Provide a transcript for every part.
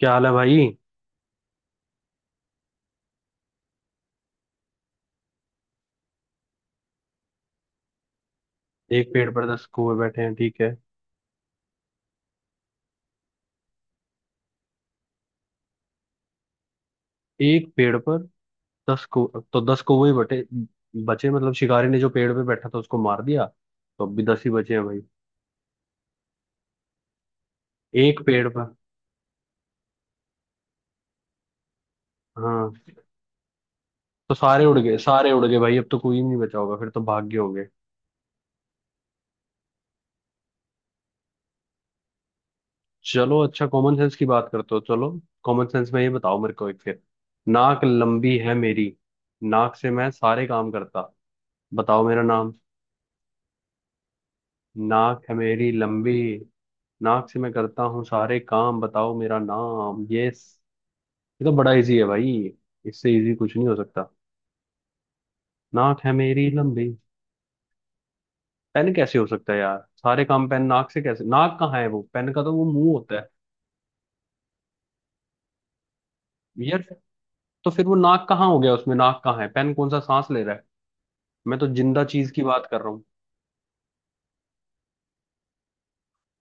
क्या हाल है भाई। एक पेड़ पर दस कौवे बैठे हैं, ठीक है। एक पेड़ पर दस को, तो दस कौवे ही बटे बचे, मतलब शिकारी ने जो पेड़ पे बैठा था उसको मार दिया, तो अब भी दस ही बचे हैं भाई। एक पेड़ पर, हाँ, तो सारे उड़ गए, सारे उड़ गए भाई, अब तो कोई नहीं बचा होगा, फिर तो भाग गए होंगे। चलो, अच्छा कॉमन सेंस की बात करते हो, चलो। कॉमन सेंस में ये बताओ मेरे को, एक फिर, नाक लंबी है मेरी, नाक से मैं सारे काम करता, बताओ मेरा नाम। नाक है मेरी लंबी, नाक से मैं करता हूँ सारे काम, बताओ मेरा नाम। यस। ये तो बड़ा इजी है भाई, इससे इजी कुछ नहीं हो सकता। नाक है मेरी लंबी। पेन कैसे हो सकता है यार, सारे काम पेन नाक से कैसे, नाक कहाँ है वो पेन का, तो वो मुंह होता है। यार, तो फिर वो नाक कहाँ हो गया उसमें, नाक कहाँ है, पेन कौन सा सांस ले रहा है। मैं तो जिंदा चीज की बात कर रहा हूँ।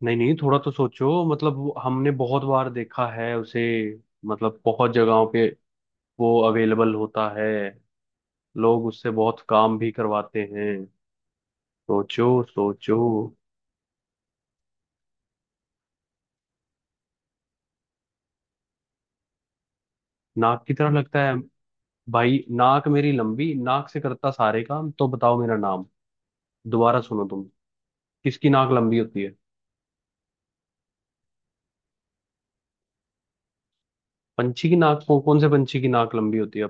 नहीं नहीं, थोड़ा तो सोचो, मतलब हमने बहुत बार देखा है उसे, मतलब बहुत जगहों पे वो अवेलेबल होता है, लोग उससे बहुत काम भी करवाते हैं, सोचो सोचो। नाक की तरह लगता है। भाई, नाक मेरी लंबी, नाक से करता सारे काम, तो बताओ मेरा नाम। दोबारा सुनो तुम, किसकी नाक लंबी होती है। पंछी की नाक, कौन कौन से पंछी की नाक लंबी होती है,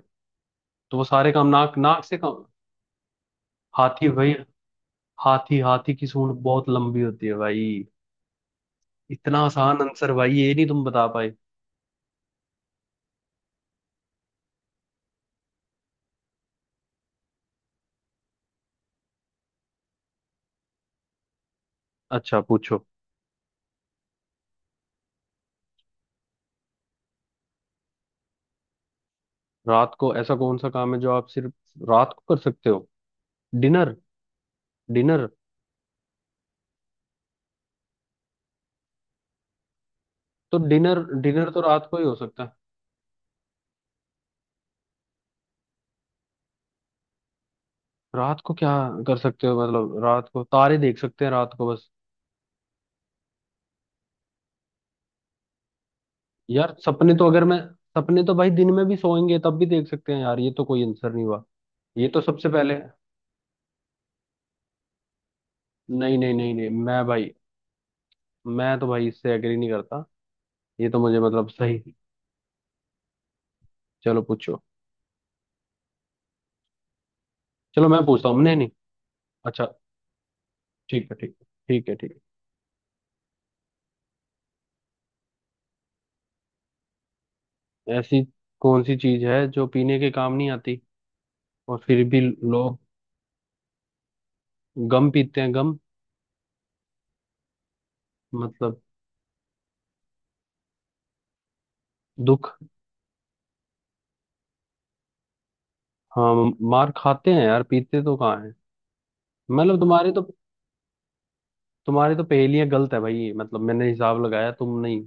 तो वो सारे काम नाक नाक से काम। हाथी भाई। हाथी, हाथी की सूंड बहुत लंबी होती है भाई। इतना आसान आंसर भाई, ये नहीं तुम बता पाए। अच्छा पूछो। रात को ऐसा कौन सा काम है जो आप सिर्फ रात को कर सकते हो। डिनर। डिनर। तो डिनर डिनर तो रात को ही हो सकता है। रात को क्या कर सकते हो, मतलब रात को तारे देख सकते हैं, रात को बस। यार, सपने तो अगर मैं सपने तो भाई दिन में भी सोएंगे तब भी देख सकते हैं यार, ये तो कोई आंसर नहीं हुआ। ये तो सबसे पहले नहीं नहीं नहीं नहीं, मैं तो भाई इससे एग्री नहीं करता, ये तो मुझे मतलब सही। चलो पूछो। चलो मैं पूछता हूँ, नहीं नहीं। अच्छा। ठीक है, ठीक है, ठीक है, ठीक है। ऐसी कौन सी चीज है जो पीने के काम नहीं आती, और फिर भी लोग। गम पीते हैं, गम। मतलब दुख। हाँ। मार खाते हैं यार, पीते तो कहाँ। मतलब तुम्हारी तो पहेलियां गलत है भाई, मतलब मैंने हिसाब लगाया तुम नहीं।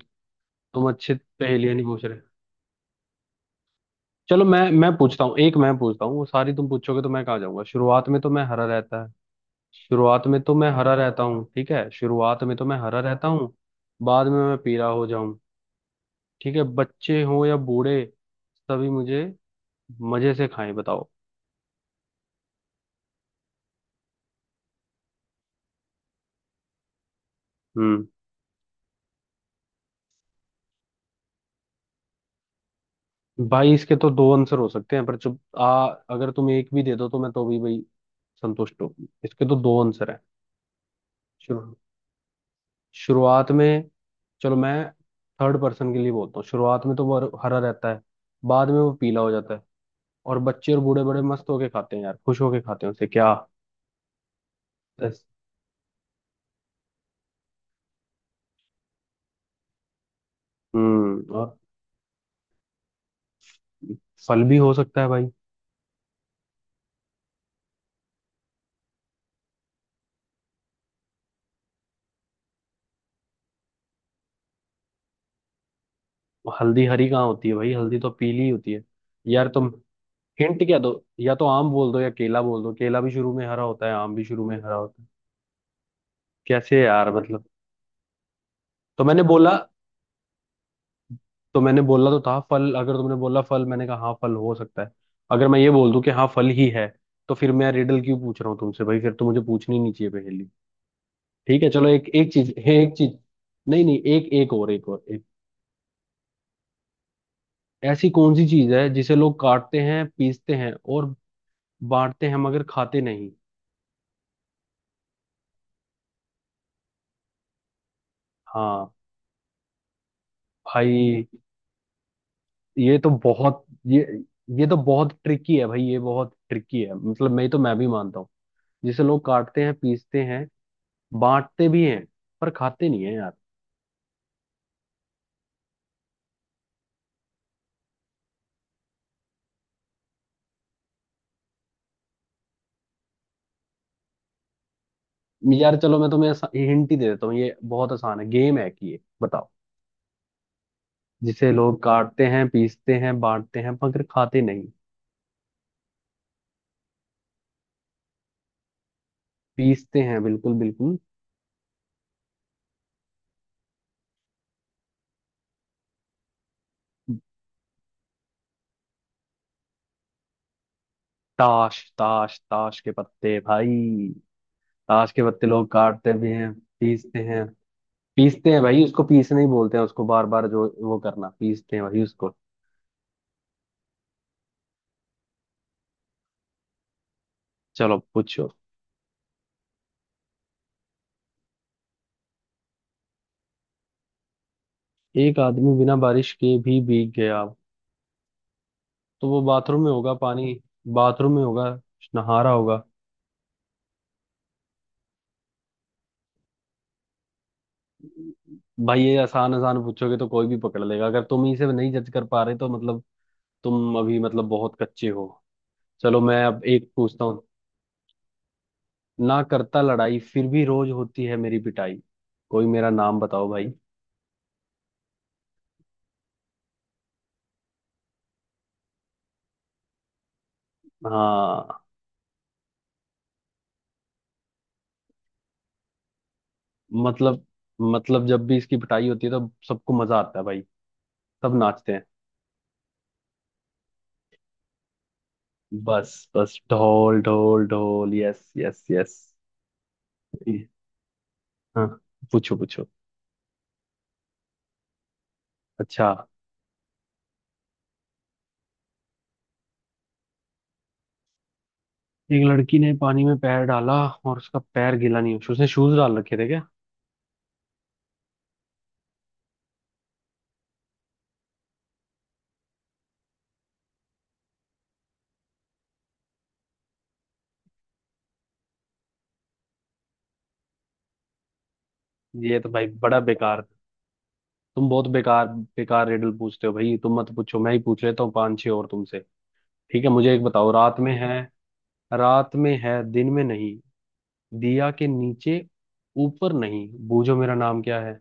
तुम अच्छे पहेलियां नहीं पूछ रहे। चलो मैं पूछता हूँ, एक मैं पूछता हूँ, वो सारी तुम पूछोगे तो मैं कहाँ जाऊंगा। शुरुआत में तो मैं हरा रहता है, शुरुआत में तो मैं हरा रहता हूँ, ठीक है, शुरुआत में तो मैं हरा रहता हूँ, बाद में मैं पीला हो जाऊं, ठीक है। बच्चे हों या बूढ़े, सभी मुझे मजे से खाएं, बताओ। हम्म। भाई, इसके तो दो आंसर हो सकते हैं, पर चुप आ, अगर तुम एक भी दे दो तो मैं तो भी भाई संतुष्ट हूँ, इसके तो दो आंसर है। शुरू शुरुआत में, चलो मैं थर्ड पर्सन के लिए बोलता हूँ, शुरुआत में तो वो हरा रहता है, बाद में वो पीला हो जाता है, और बच्चे और बूढ़े बड़े मस्त होके खाते हैं यार, खुश होके खाते हैं उसे क्या। बस। हम्म, और, फल भी हो सकता है भाई। हल्दी हरी कहाँ होती है भाई, हल्दी तो पीली ही होती है। यार तुम, हिंट क्या दो, या तो आम बोल दो या केला बोल दो, केला भी शुरू में हरा होता है, आम भी शुरू में हरा होता है, कैसे यार, मतलब। तो मैंने बोला तो मैंने बोला तो था फल, अगर तुमने बोला फल मैंने कहा हाँ फल हो सकता है, अगर मैं ये बोल दूं कि हाँ फल ही है, तो फिर मैं रिडल क्यों पूछ रहा हूँ तुमसे भाई, फिर तो मुझे पूछनी नहीं चाहिए पहेली, ठीक है। चलो एक, एक चीज है, एक चीज। नहीं नहीं, एक, एक और, एक और एक। ऐसी कौन सी चीज है जिसे लोग काटते हैं, पीसते हैं और बांटते हैं, मगर खाते नहीं। हाँ। भाई ये तो बहुत ये ये तो बहुत ट्रिकी है भाई, ये बहुत ट्रिकी है, मतलब मैं भी मानता हूँ, जिसे लोग काटते हैं, पीसते हैं, बांटते भी हैं, पर खाते नहीं है यार। यार, चलो मैं तुम्हें हिंट ही दे देता हूँ, ये बहुत आसान है, गेम है कि ये बताओ। जिसे लोग काटते हैं, पीसते हैं, बांटते हैं, मगर खाते नहीं। पीसते हैं बिल्कुल, बिल्कुल। ताश, ताश, ताश के पत्ते भाई। ताश के पत्ते लोग काटते भी हैं, पीसते हैं पीसते हैं भाई, उसको पीसना ही बोलते हैं उसको, बार बार जो वो करना, पीसते हैं भाई उसको। चलो पूछो। एक आदमी बिना बारिश के भी भीग गया, तो वो बाथरूम में होगा, पानी, बाथरूम में होगा, नहा रहा होगा। भाई ये आसान आसान पूछोगे तो कोई भी पकड़ लेगा, अगर तुम इसे नहीं जज कर पा रहे तो मतलब तुम अभी मतलब बहुत कच्चे हो। चलो मैं अब एक पूछता हूँ। ना करता लड़ाई, फिर भी रोज होती है मेरी पिटाई, कोई मेरा नाम बताओ भाई। हाँ। मतलब मतलब जब भी इसकी पिटाई होती है तो सबको मजा आता है भाई, सब नाचते हैं। बस बस, ढोल ढोल ढोल, यस यस यस। हाँ, पूछो पूछो। अच्छा। एक लड़की ने पानी में पैर डाला, और उसका पैर गीला नहीं हुआ, उसने शूज डाल रखे थे क्या। ये तो भाई बड़ा बेकार, तुम बहुत बेकार बेकार रिडल पूछते हो भाई, तुम मत पूछो, मैं ही पूछ लेता हूँ पांच छह और तुमसे। ठीक है, मुझे एक बताओ। रात में है, रात में है दिन में नहीं, दिया के नीचे, ऊपर नहीं, बूझो मेरा नाम क्या है।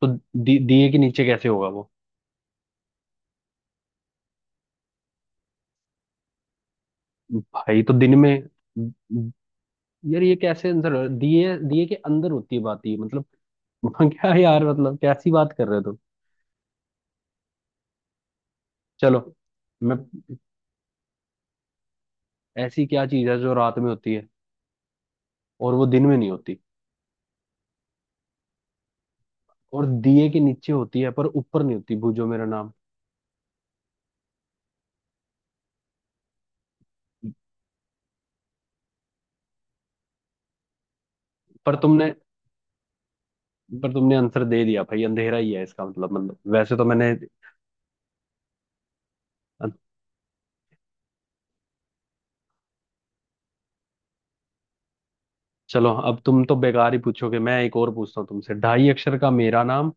तो दिए के नीचे कैसे होगा वो, भाई तो दिन में। यार ये कैसे आंसर, दिए दिए के अंदर होती है बात, ये मतलब। वहाँ क्या यार, मतलब कैसी बात कर रहे हो तुम। चलो मैं, ऐसी क्या चीज है जो रात में होती है और वो दिन में नहीं होती, और दिए के नीचे होती है पर ऊपर नहीं होती, बूझो मेरा नाम। पर तुमने पर तुमने आंसर दे दिया भाई, अंधेरा ही है इसका मतलब, मतलब वैसे तो मैंने। चलो अब तुम तो बेकार ही पूछोगे, मैं एक और पूछता हूँ तुमसे। ढाई अक्षर का मेरा नाम,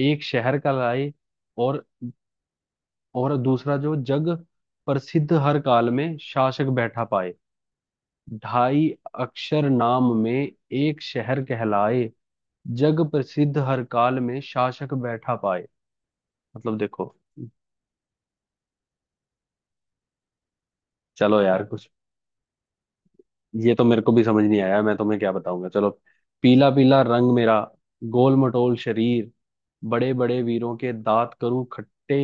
एक शहर का लाए, और और दूसरा जो जग प्रसिद्ध, हर काल में शासक बैठा पाए। ढाई अक्षर नाम में, एक शहर कहलाए, जग प्रसिद्ध, हर काल में शासक बैठा पाए। मतलब देखो, चलो यार कुछ, ये तो मेरे को भी समझ नहीं आया, मैं तुम्हें क्या बताऊंगा। चलो। पीला पीला रंग मेरा, गोल मटोल शरीर, बड़े बड़े वीरों के दांत करूं खट्टे,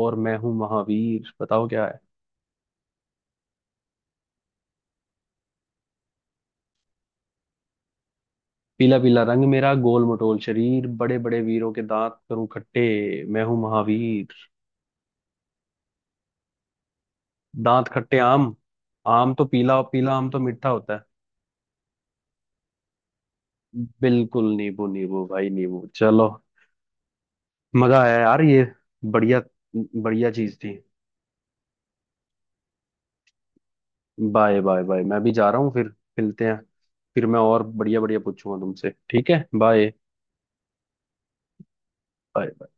और मैं हूं महावीर, बताओ क्या है। पीला पीला रंग मेरा, गोल मटोल शरीर, बड़े बड़े वीरों के दांत करूं खट्टे, मैं हूं महावीर। दांत खट्टे आम, आम तो पीला पीला, आम तो मीठा होता है। बिल्कुल, नींबू, नींबू भाई, नींबू। चलो मजा आया यार, ये बढ़िया, बढ़िया चीज थी। बाय बाय बाय, मैं भी जा रहा हूँ फिर, मिलते हैं, फिर मैं और बढ़िया बढ़िया पूछूंगा तुमसे, ठीक है, बाय। बाय।